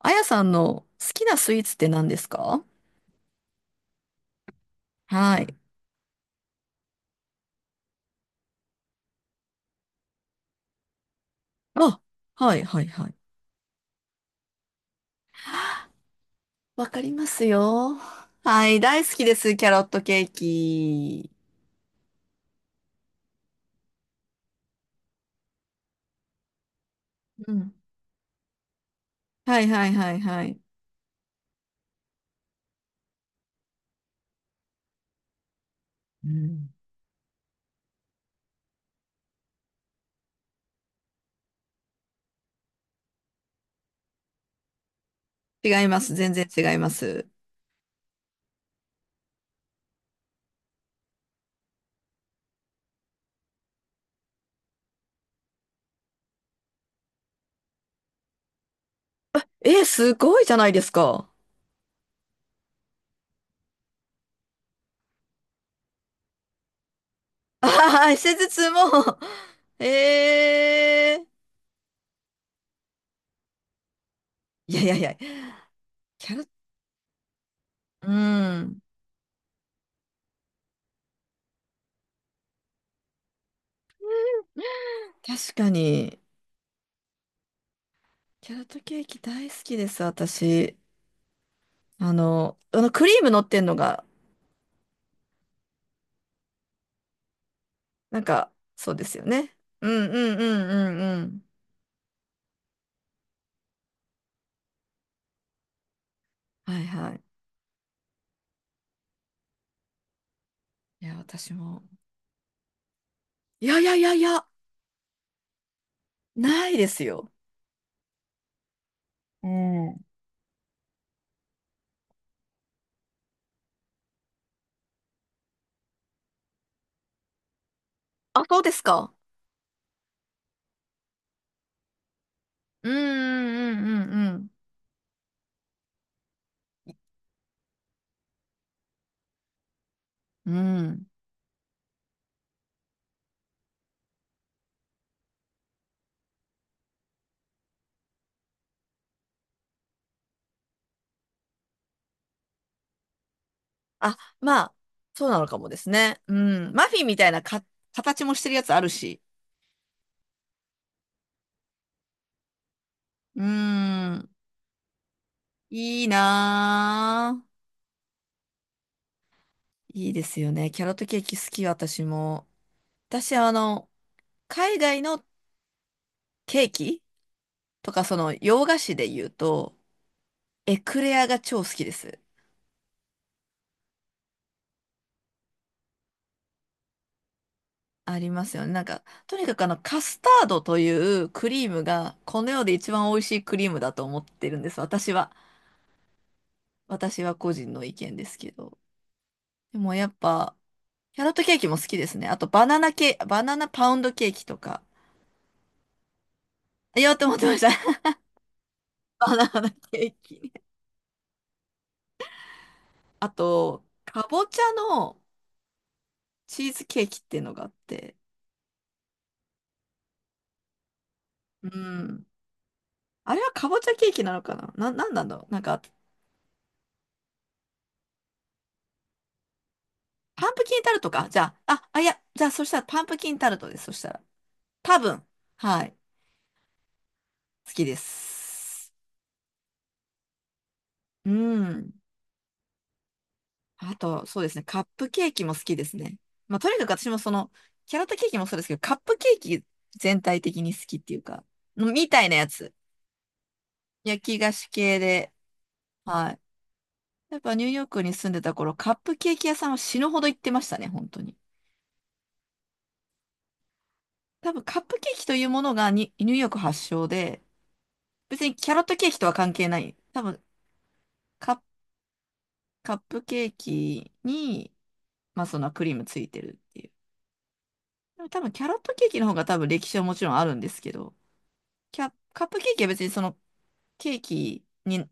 あやさんの好きなスイーツって何ですか？はい。あ、はい、はい、はい。わかりますよ。はい、大好きです、キャロットケーキ。うん。はい、はい、はい、はい。うん。違います、全然違います。え、すごいじゃないですか？あはい、施術も。えー。いやいやいや、キャロット、うん。確かに、キャロットケーキ大好きです、私。あのクリーム乗ってんのがなんか、そうですよね。うんうんうんうんうん。はいはい。いや、私も。いやいやいやいや、ないですよ。うん。あ、そうですか。うんうんうんうんうん。うん。あ、まあ、そうなのかもですね。うん。マフィンみたいなか、形もしてるやつあるし。うん。いいなぁ。いいですよね。キャロットケーキ好き、私も。私、海外のケーキとか、洋菓子で言うと、エクレアが超好きです。ありますよね。なんか、とにかくカスタードというクリームが、この世で一番美味しいクリームだと思ってるんです。私は。私は個人の意見ですけど。でもやっぱ、キャロットケーキも好きですね。あと、バナナパウンドケーキとか。言おうと思ってました。バナナケーキ。あと、かぼちゃのチーズケーキっていうのがあって。うん。あれはかぼちゃケーキなのかなな、なんなんだろう。なんか、パンプキンタルトか。じゃあ、いや、じゃあ、そしたらパンプキンタルトです。そしたら。多分、はい、好きです。うん。あと、そうですね、カップケーキも好きですね。まあ、とにかく私もキャラットケーキもそうですけど、カップケーキ全体的に好きっていうか、みたいなやつ。焼き菓子系で。はい。やっぱニューヨークに住んでた頃、カップケーキ屋さんは死ぬほど行ってましたね、本当に。多分カップケーキというものがにニューヨーク発祥で、別にキャロットケーキとは関係ない。多分カッカップケーキに、まあそのクリームついてるっていう。でも多分キャロットケーキの方が多分歴史はもちろんあるんですけど、カップケーキは別にそのケーキに、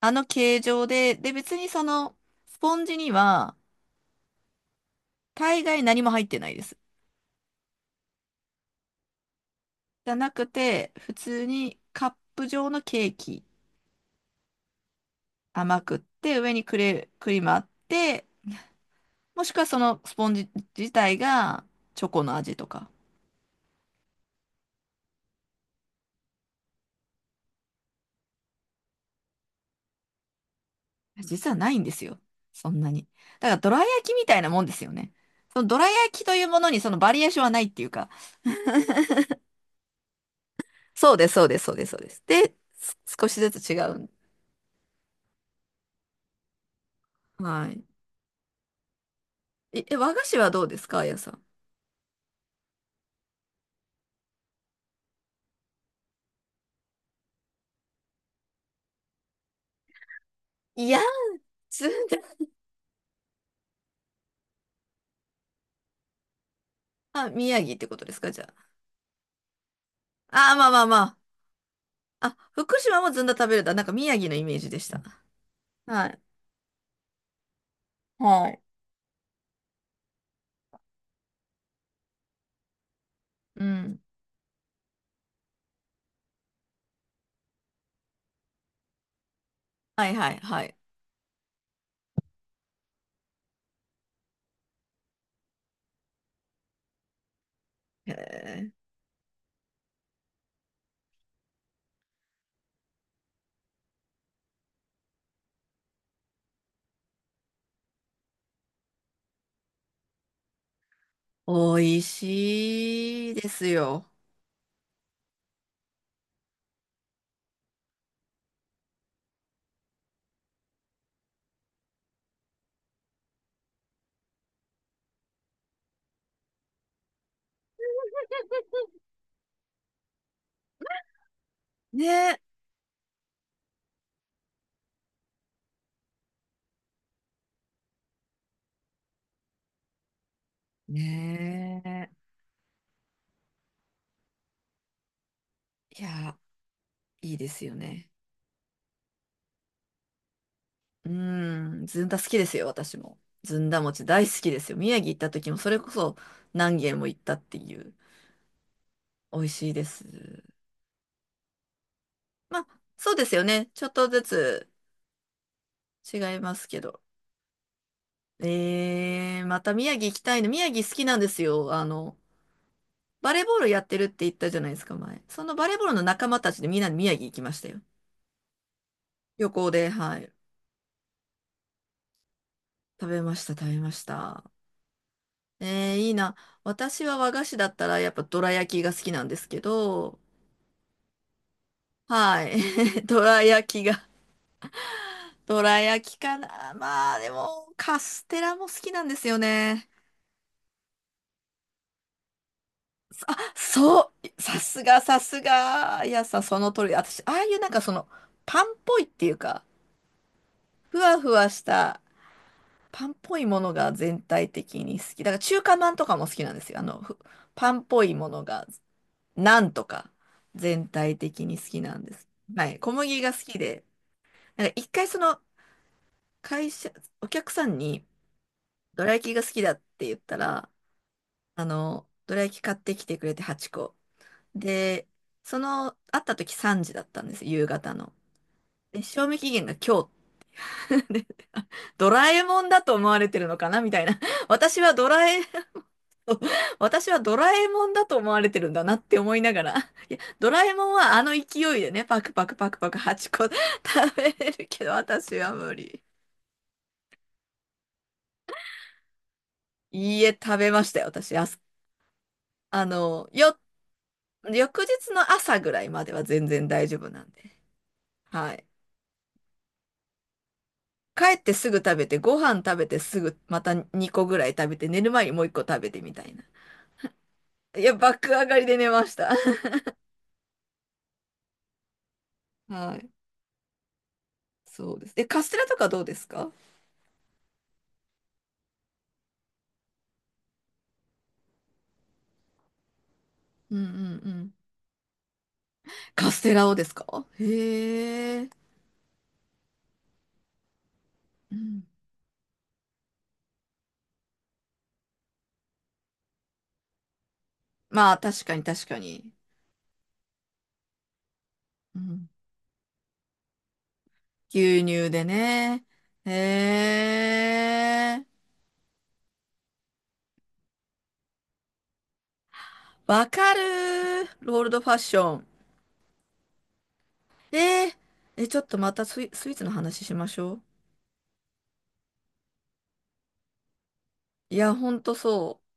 あの形状で、別にそのスポンジには大概何も入ってないです。じゃなくて、普通にカップ状のケーキ甘くって、上にクリームあって、もしくはそのスポンジ自体がチョコの味とか。実はないんですよ。そんなに。だからドラ焼きみたいなもんですよね。そのドラ焼きというものにそのバリエーションはないっていうか。そうです、そうです、そうです、そうです。で、少しずつ違う。はい。和菓子はどうですか、あやさん？いや、ずんだ。あ、宮城ってことですか、じゃあ？あー、まあまあまあ。あ、福島もずんだ食べるだ。なんか宮城のイメージでした。はい。はい。うん。はいはいはい。へえ。美味しいですよ。ね。ねえ。いやーいいですよね。うーん、ずんだ好きですよ、私も。ずんだ餅大好きですよ。宮城行った時もそれこそ何軒も行ったっていう。美味しいです。まあ、そうですよね。ちょっとずつ違いますけど。また宮城行きたいの。宮城好きなんですよ。バレーボールやってるって言ったじゃないですか、前？そのバレーボールの仲間たちでみんなで宮城行きましたよ。旅行で、はい。食べました、食べました。いいな。私は和菓子だったらやっぱどら焼きが好きなんですけど、はい。どら焼きが。どら焼きかな。まあでも、カステラも好きなんですよね。そう。さすが、さすが。いやさん、その通り。私、ああいうなんかパンっぽいっていうか、ふわふわした、パンっぽいものが全体的に好き。だから中華まんとかも好きなんですよ。パンっぽいものが、なんとか、全体的に好きなんです。はい。小麦が好きで。なんか一回会社、お客さんに、どら焼きが好きだって言ったら、どら焼き買ってきてくれて8個。で、会った時3時だったんです、夕方の。で、賞味期限が今日。で、ドラえもんだと思われてるのかなみたいな。私はドラえ、私はドラえもんだと思われてるんだなって思いながら。いや、ドラえもんはあの勢いでね、パクパクパクパク8個 食べれるけど、私は無理。いいえ、食べましたよ、私。あ、翌日の朝ぐらいまでは全然大丈夫なんで。はい。帰ってすぐ食べて、ご飯食べてすぐまた2個ぐらい食べて、寝る前にもう1個食べてみたいな。いや、爆上がりで寝ました。はい。そうです。え、カステラとかどうですか？うんうんうん。カステラをですか？へえ。うん。まあ、確かに確かに。うん。牛乳でね。へえ。わかるー。ロールドファッション。えー、ちょっとまたスイーツの話しましょう。いや、ほんとそう。